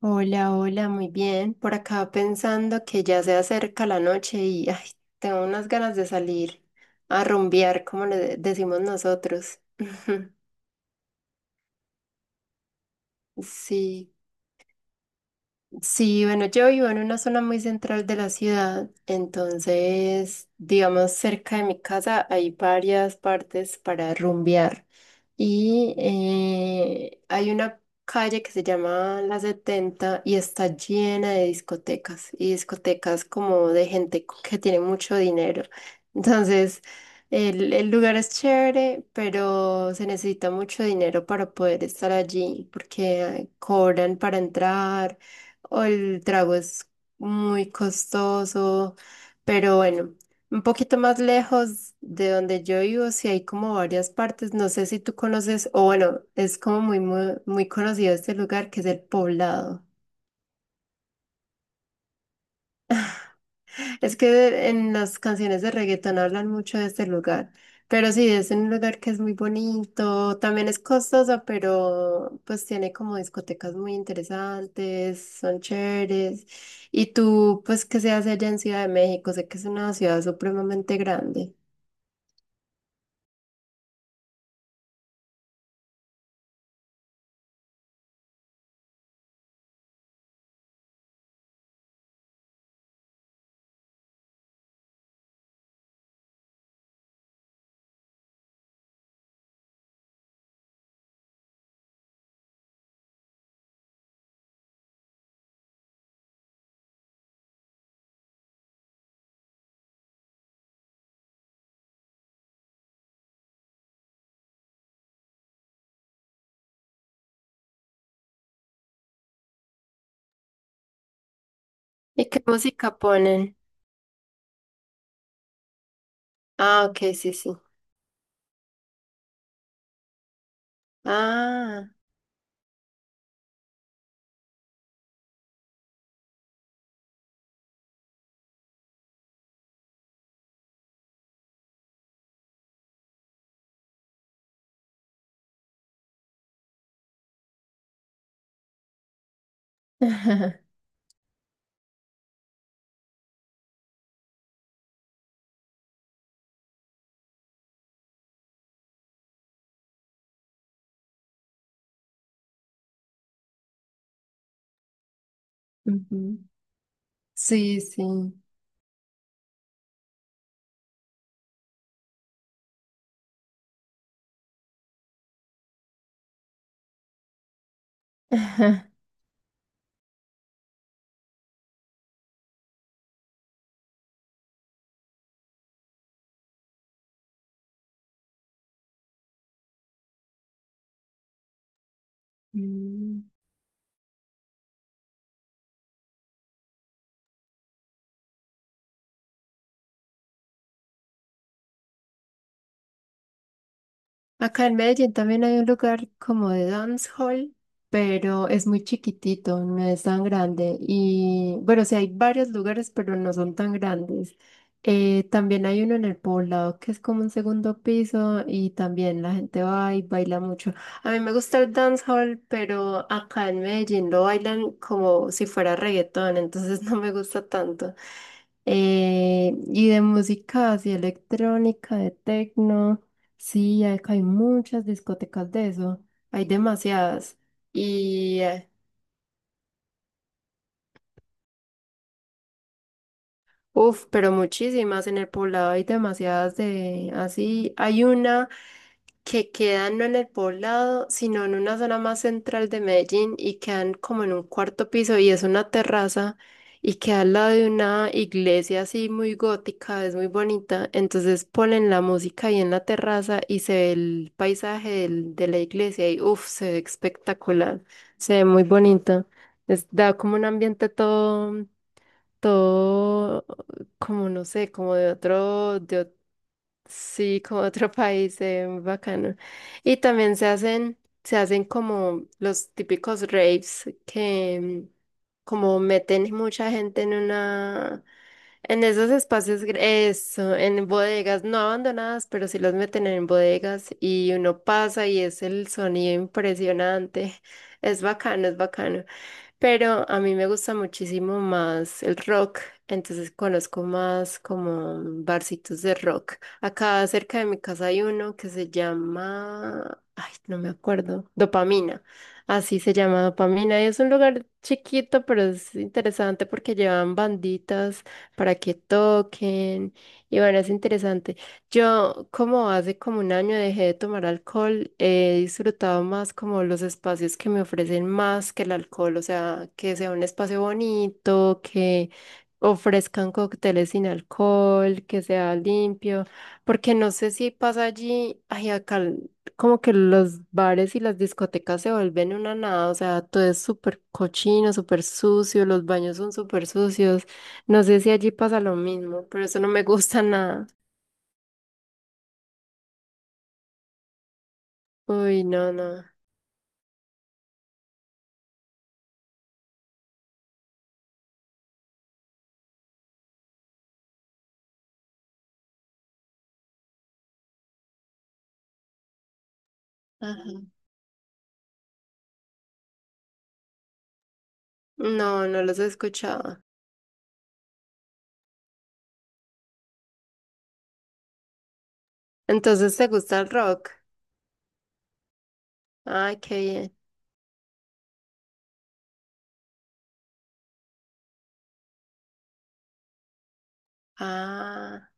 Hola, hola, muy bien. Por acá pensando que ya se acerca la noche y ay, tengo unas ganas de salir a rumbear, como decimos nosotros. Sí. Sí, bueno, yo vivo en una zona muy central de la ciudad, entonces, digamos, cerca de mi casa hay varias partes para rumbear y hay una calle que se llama La Setenta y está llena de discotecas y discotecas como de gente que tiene mucho dinero. Entonces, el lugar es chévere, pero se necesita mucho dinero para poder estar allí porque cobran para entrar o el trago es muy costoso, pero bueno, un poquito más lejos de donde yo vivo, sí hay como varias partes, no sé si tú conoces, o bueno, es como muy, muy, muy conocido este lugar que es el Poblado. Es que en las canciones de reggaetón hablan mucho de este lugar, pero sí, es un lugar que es muy bonito, también es costoso, pero pues tiene como discotecas muy interesantes, son chéveres. Y tú, pues que seas allá en Ciudad de México, sé que es una ciudad supremamente grande. ¿Y qué música ponen? Ah, ok, sí, sí. Ah. Ujú. Sí, sí. Mm. Acá en Medellín también hay un lugar como de dance hall, pero es muy chiquitito, no es tan grande. Y bueno, sí hay varios lugares, pero no son tan grandes. También hay uno en el poblado que es como un segundo piso y también la gente va y baila mucho. A mí me gusta el dance hall, pero acá en Medellín lo bailan como si fuera reggaetón, entonces no me gusta tanto. Y de música así electrónica, de techno, sí, acá hay muchas discotecas de eso, hay demasiadas. Y, uff, pero muchísimas en el poblado hay demasiadas de así. Hay una. Que quedan no en el poblado, sino en una zona más central de Medellín y quedan como en un cuarto piso y es una terraza y queda al lado de una iglesia así muy gótica, es muy bonita. Entonces ponen la música ahí en la terraza y se ve el paisaje de la iglesia y uff, se ve espectacular, se ve muy bonita. Da como un ambiente todo, todo, como no sé, como de otro, de. Sí, como otro país, bacano. Y también se hacen como los típicos raves que como meten mucha gente en una, en esos espacios, en bodegas, no abandonadas, pero sí los meten en bodegas y uno pasa y es el sonido impresionante. Es bacano, es bacano. Pero a mí me gusta muchísimo más el rock, entonces conozco más como barcitos de rock. Acá cerca de mi casa hay uno que se llama, ay, no me acuerdo, Dopamina. Así se llama Dopamina y es un lugar chiquito, pero es interesante porque llevan banditas para que toquen y bueno, es interesante. Yo, como hace como un año dejé de tomar alcohol, he disfrutado más como los espacios que me ofrecen más que el alcohol, o sea, que sea un espacio bonito, que ofrezcan cócteles sin alcohol, que sea limpio, porque no sé si pasa allí, ay, como que los bares y las discotecas se vuelven una nada, o sea, todo es súper cochino, súper sucio, los baños son súper sucios, no sé si allí pasa lo mismo, pero eso no me gusta nada. Uy, no, no. Ajá. No, no los he escuchado. Entonces, ¿te gusta el rock? Ay, qué bien. Ah.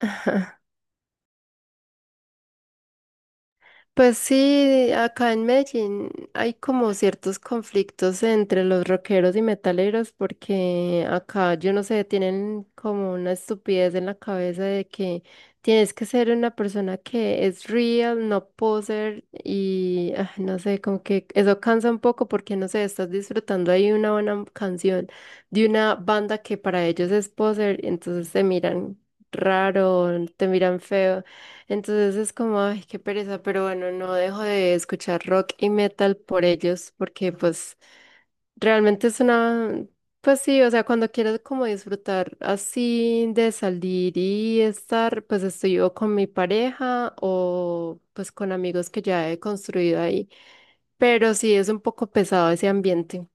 Pues sí, acá en Medellín hay como ciertos conflictos entre los rockeros y metaleros porque acá, yo no sé, tienen como una estupidez en la cabeza de que tienes que ser una persona que es real, no poser y ah, no sé, como que eso cansa un poco porque no sé, estás disfrutando ahí una buena canción de una banda que para ellos es poser, entonces te miran raro, te miran feo. Entonces es como, ay, qué pereza, pero bueno, no dejo de escuchar rock y metal por ellos, porque pues realmente es una, pues sí, o sea, cuando quiero como disfrutar así de salir y estar, pues estoy o con mi pareja o pues con amigos que ya he construido ahí, pero sí es un poco pesado ese ambiente.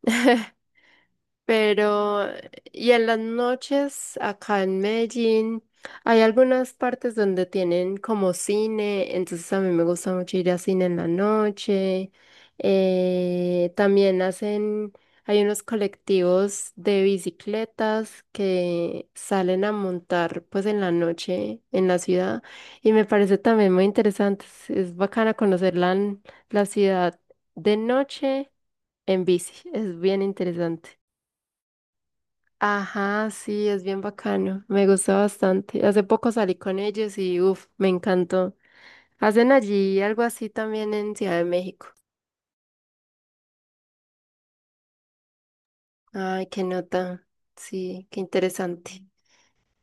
Pero, y en las noches acá en Medellín hay algunas partes donde tienen como cine, entonces a mí me gusta mucho ir a cine en la noche. También hacen, hay unos colectivos de bicicletas que salen a montar pues en la noche en la ciudad y me parece también muy interesante. Es bacana conocer la, la ciudad de noche en bici, es bien interesante. Ajá, sí, es bien bacano. Me gusta bastante. Hace poco salí con ellos y uff, me encantó. Hacen allí algo así también en Ciudad de México. Ay, qué nota. Sí, qué interesante.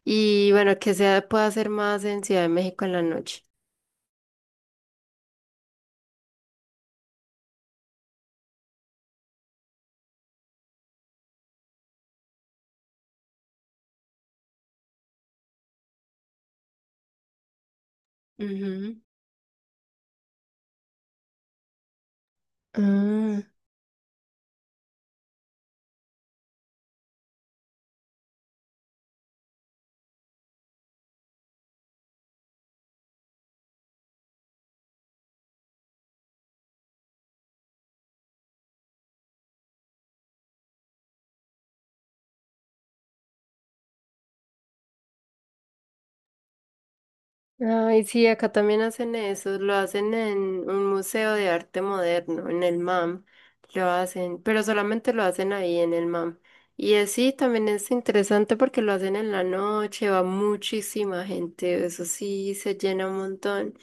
Y bueno, que se pueda hacer más en Ciudad de México en la noche. Ujú. Ah. Ay, sí, acá también hacen eso, lo hacen en un museo de arte moderno, en el MAM, lo hacen, pero solamente lo hacen ahí en el MAM. Y así también es interesante porque lo hacen en la noche, va muchísima gente, eso sí, se llena un montón.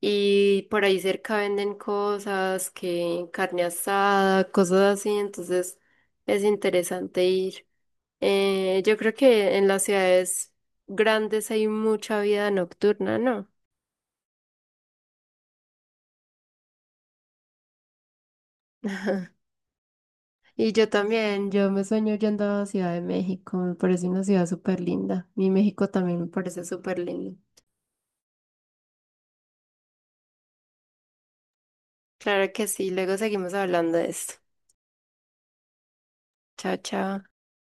Y por ahí cerca venden cosas, que carne asada, cosas así, entonces es interesante ir. Yo creo que en las ciudades grandes hay mucha vida nocturna, ¿no? Ajá. Y yo también, yo me sueño yendo a Ciudad de México, me parece una ciudad súper linda. Mi México también me parece súper lindo. Claro que sí, luego seguimos hablando de esto. Chao, chao.